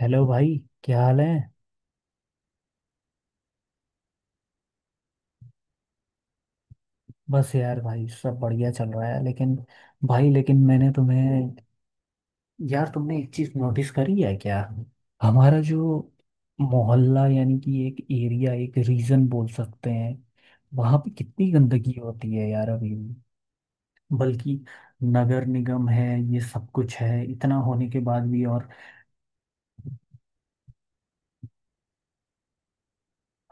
Hello भाई। क्या हाल है। बस यार भाई सब बढ़िया चल रहा है लेकिन भाई लेकिन मैंने तुम्हें यार तुमने एक चीज नोटिस करी है क्या। हमारा जो मोहल्ला यानी कि एक एरिया एक रीजन बोल सकते हैं वहां पे कितनी गंदगी होती है यार अभी भी। बल्कि नगर निगम है ये सब कुछ है इतना होने के बाद भी और।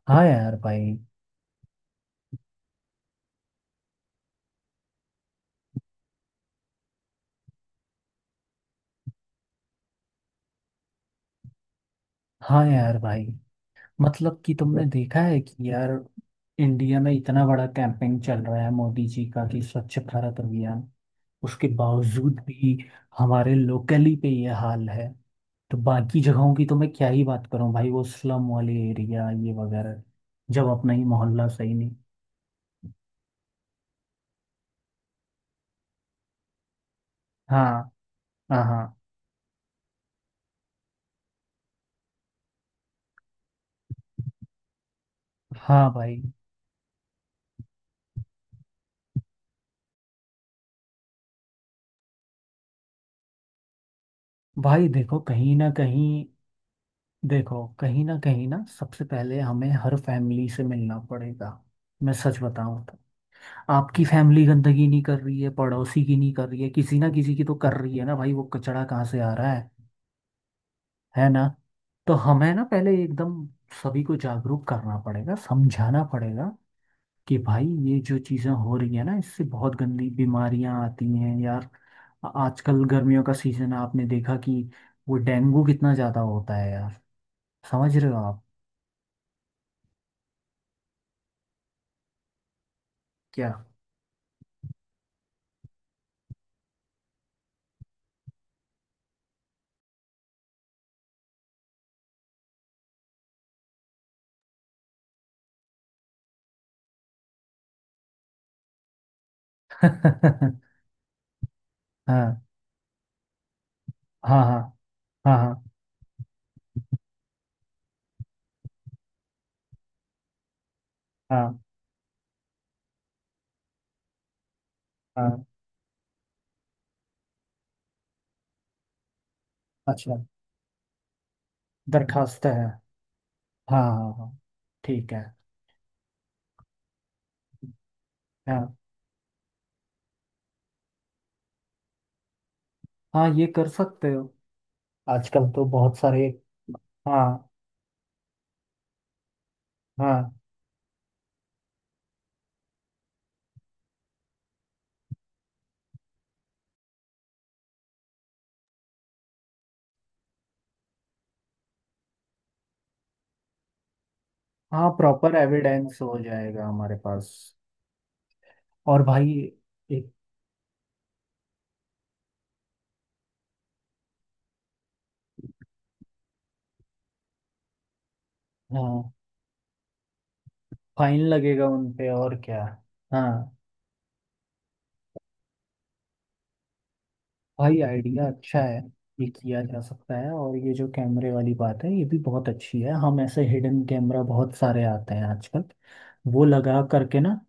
हाँ यार भाई। हाँ यार भाई। मतलब कि तुमने देखा है कि यार इंडिया में इतना बड़ा कैंपेन चल रहा है मोदी जी का कि स्वच्छ भारत अभियान उसके बावजूद भी हमारे लोकली पे ये हाल है। तो बाकी जगहों की तो मैं क्या ही बात करूं भाई वो स्लम वाले एरिया ये वगैरह जब अपना ही मोहल्ला सही नहीं। हाँ हाँ हाँ हाँ भाई। भाई देखो कहीं ना कहीं। देखो कहीं ना सबसे पहले हमें हर फैमिली से मिलना पड़ेगा। मैं सच बताऊं तो। आपकी फैमिली गंदगी नहीं कर रही है, पड़ोसी की नहीं कर रही है, किसी ना किसी की तो कर रही है ना भाई, वो कचड़ा कहाँ से आ रहा है। है ना। तो हमें ना पहले एकदम सभी को जागरूक करना पड़ेगा, समझाना पड़ेगा कि भाई ये जो चीज़ें हो रही है ना इससे बहुत गंदी बीमारियां आती हैं यार। आजकल गर्मियों का सीजन है आपने देखा कि वो डेंगू कितना ज़्यादा होता है यार। समझ रहे हो आप। क्या। हाँ हाँ हाँ हाँ हाँ हाँ हाँ। अच्छा। दरखास्त है। हाँ हाँ हाँ। ठीक है। हाँ। हाँ ये कर सकते हो। आजकल तो बहुत सारे। हाँ। हाँ हाँ। प्रॉपर एविडेंस हो जाएगा हमारे पास। और भाई एक। हाँ। फाइन लगेगा उन पे और क्या। हाँ। भाई आइडिया अच्छा है। ये किया जा सकता है और ये जो कैमरे वाली बात है ये भी बहुत अच्छी है हम ऐसे हिडन कैमरा बहुत सारे आते हैं आजकल वो लगा करके ना।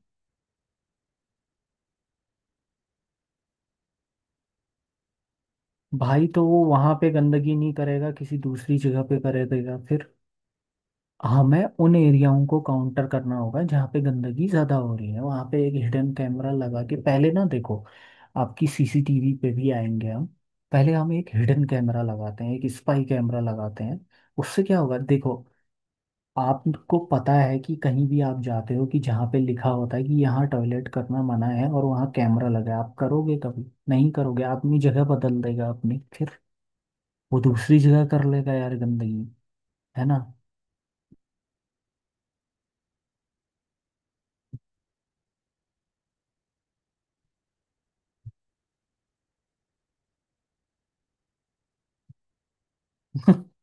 भाई तो वो वहां पे गंदगी नहीं करेगा किसी दूसरी जगह पे करेगा फिर। हमें उन एरियाओं को काउंटर करना होगा जहाँ पे गंदगी ज़्यादा हो रही है वहाँ पे एक हिडन कैमरा लगा के पहले ना देखो। आपकी सीसीटीवी पे भी आएंगे हम। पहले हम एक हिडन कैमरा लगाते हैं, एक स्पाई कैमरा लगाते हैं। उससे क्या होगा देखो। आपको पता है कि कहीं भी आप जाते हो कि जहाँ पे लिखा होता है कि यहाँ टॉयलेट करना मना है और वहाँ कैमरा लगा है आप करोगे, कभी नहीं करोगे। आदमी जगह बदल देगा अपनी फिर। वो दूसरी जगह कर लेगा यार गंदगी। है ना।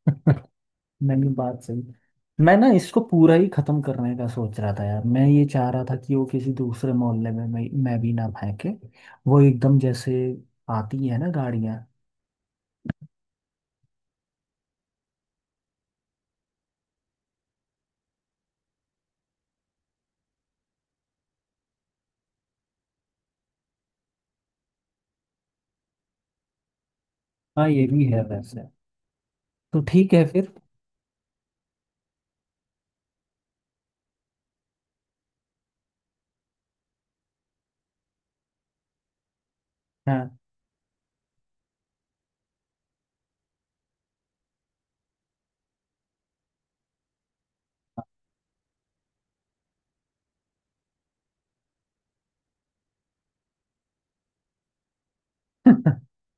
नहीं नहीं, बात सही। मैं ना इसको पूरा ही खत्म करने का सोच रहा था यार। मैं ये चाह रहा था कि वो किसी दूसरे मोहल्ले में मैं भी ना फेंके। वो एकदम जैसे आती है ना गाड़ियां। हाँ ये भी है वैसे। तो ठीक है फिर। हाँ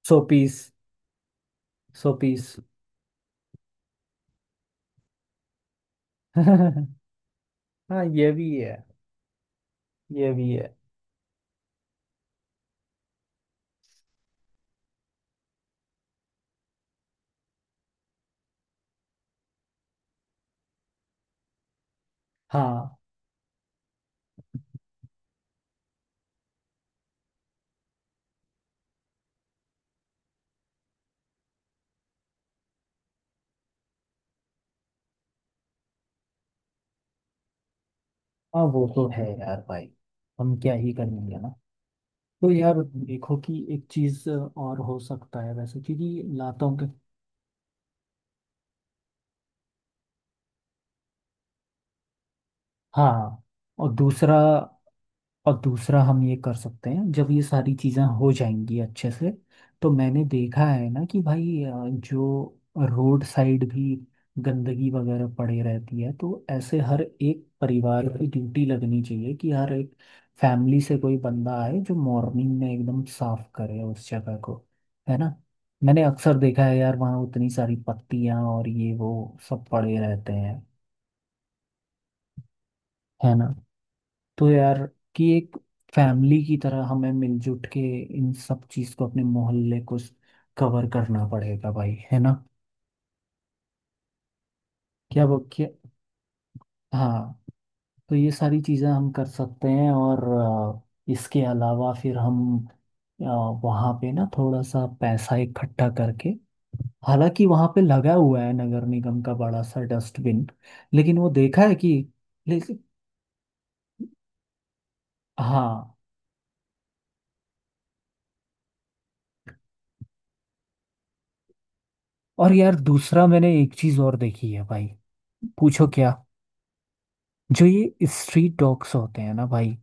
सौ पीस सौ पीस। हाँ। ये भी है। ये भी है। हाँ हाँ। वो तो है यार भाई। हम क्या ही करेंगे ना। तो यार देखो कि एक चीज और हो सकता है वैसे क्योंकि लातों के। हाँ। और दूसरा। और दूसरा हम ये कर सकते हैं जब ये सारी चीज़ें हो जाएंगी अच्छे से तो मैंने देखा है ना कि भाई जो रोड साइड भी गंदगी वगैरह पड़ी रहती है तो ऐसे हर एक परिवार की ड्यूटी लगनी चाहिए कि हर एक फैमिली से कोई बंदा आए जो मॉर्निंग में एकदम साफ करे उस जगह को। है ना। मैंने अक्सर देखा है यार वहाँ उतनी सारी पत्तियाँ और ये वो सब पड़े रहते हैं। है ना। तो यार कि एक फैमिली की तरह हमें मिलजुल के इन सब चीज को अपने मोहल्ले को कवर करना पड़ेगा भाई। है ना। क्या वो क्या। हाँ। तो ये सारी चीजें हम कर सकते हैं और इसके अलावा फिर हम अ, वहाँ पे ना थोड़ा सा पैसा इकट्ठा करके, हालांकि वहाँ पे लगा हुआ है नगर निगम का बड़ा सा डस्टबिन लेकिन वो देखा है कि लेकिन। हाँ। और यार दूसरा मैंने एक चीज और देखी है भाई। पूछो क्या। जो ये स्ट्रीट डॉग्स होते हैं ना भाई।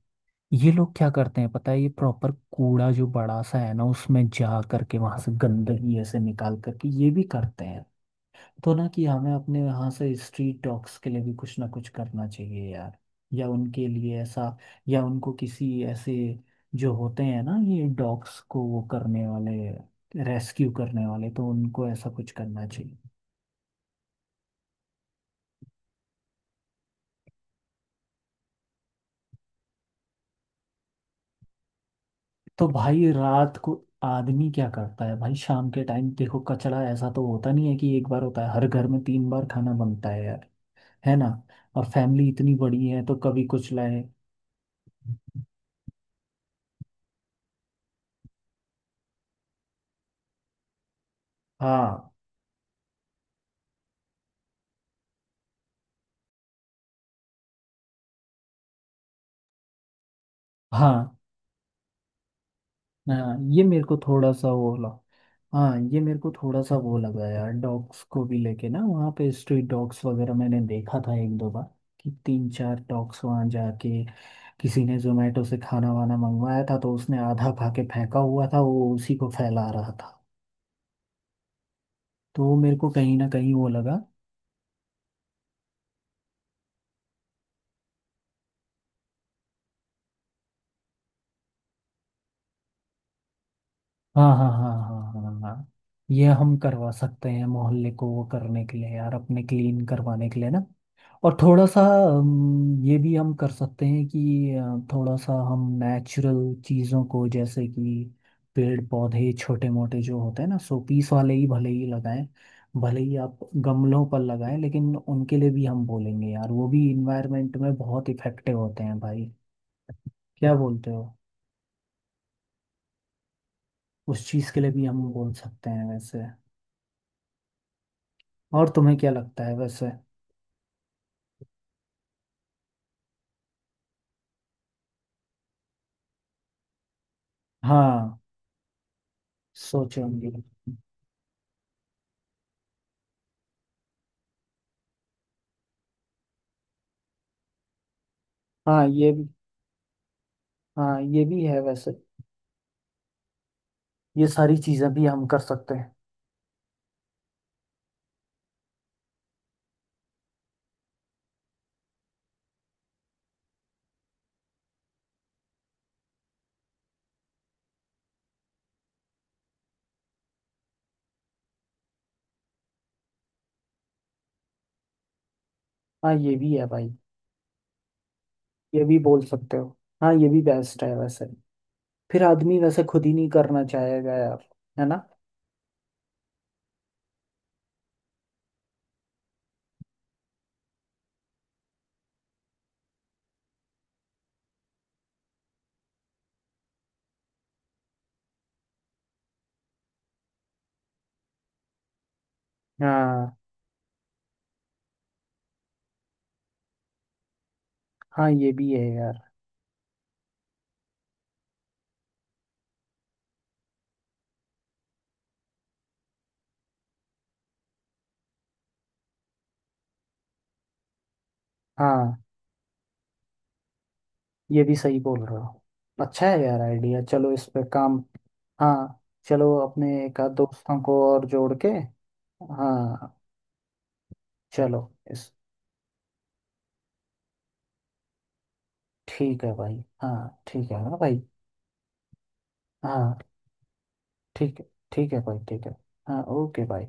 ये लोग क्या करते हैं पता है ये प्रॉपर कूड़ा जो बड़ा सा है ना उसमें जा करके वहां से गंदगी ऐसे निकाल करके ये भी करते हैं। तो ना कि हमें अपने यहाँ से स्ट्रीट डॉग्स के लिए भी कुछ ना कुछ करना चाहिए यार। या उनके लिए ऐसा, या उनको किसी ऐसे जो होते हैं ना ये डॉग्स को वो करने वाले, रेस्क्यू करने वाले तो उनको ऐसा कुछ करना चाहिए। तो भाई रात को आदमी क्या करता है भाई शाम के टाइम देखो कचरा ऐसा तो होता नहीं है कि एक बार होता है, हर घर में 3 बार खाना बनता है यार। है ना। और फैमिली इतनी बड़ी है तो कभी कुछ लाए। हाँ हाँ हाँ। ये मेरे को थोड़ा सा वो लगा। हाँ ये मेरे को थोड़ा सा वो लगा यार, डॉग्स को भी लेके ना वहाँ पे स्ट्रीट डॉग्स वगैरह मैंने देखा था एक दो बार कि तीन चार डॉग्स वहाँ जाके किसी ने जोमेटो से खाना वाना मंगवाया था तो उसने आधा खा के फेंका हुआ था वो उसी को फैला रहा था। तो वो मेरे को कहीं ना कहीं वो लगा। हाँ हाँ हाँ हाँ हाँ हाँ। ये हम करवा सकते हैं मोहल्ले को वो करने के लिए यार, अपने क्लीन करवाने के लिए ना। और थोड़ा सा ये भी हम कर सकते हैं कि थोड़ा सा हम नेचुरल चीज़ों को जैसे कि पेड़ पौधे छोटे मोटे जो होते हैं ना शोपीस वाले ही भले ही लगाएं, भले ही आप गमलों पर लगाएं, लेकिन उनके लिए भी हम बोलेंगे यार वो भी इन्वायरमेंट में बहुत इफेक्टिव होते हैं भाई। क्या बोलते हो। उस चीज़ के लिए भी हम बोल सकते हैं वैसे। और तुम्हें क्या लगता है वैसे। हाँ सोचेंगे। हाँ ये भी। हाँ ये भी है वैसे। ये सारी चीजें भी हम कर सकते हैं। हाँ ये भी है भाई। ये भी बोल सकते हो। हाँ ये भी बेस्ट है वैसे। फिर आदमी वैसे खुद ही नहीं करना चाहेगा यार। है ना। हाँ हाँ ये भी है यार। हाँ ये भी सही बोल रहे हो। अच्छा है यार आइडिया। चलो इस पे काम। हाँ चलो अपने एक आध दोस्तों को और जोड़ के। हाँ। चलो। इस ठीक है भाई। हाँ ठीक है ना भाई। हाँ ठीक है। ठीक है भाई ठीक है। हाँ ओके भाई।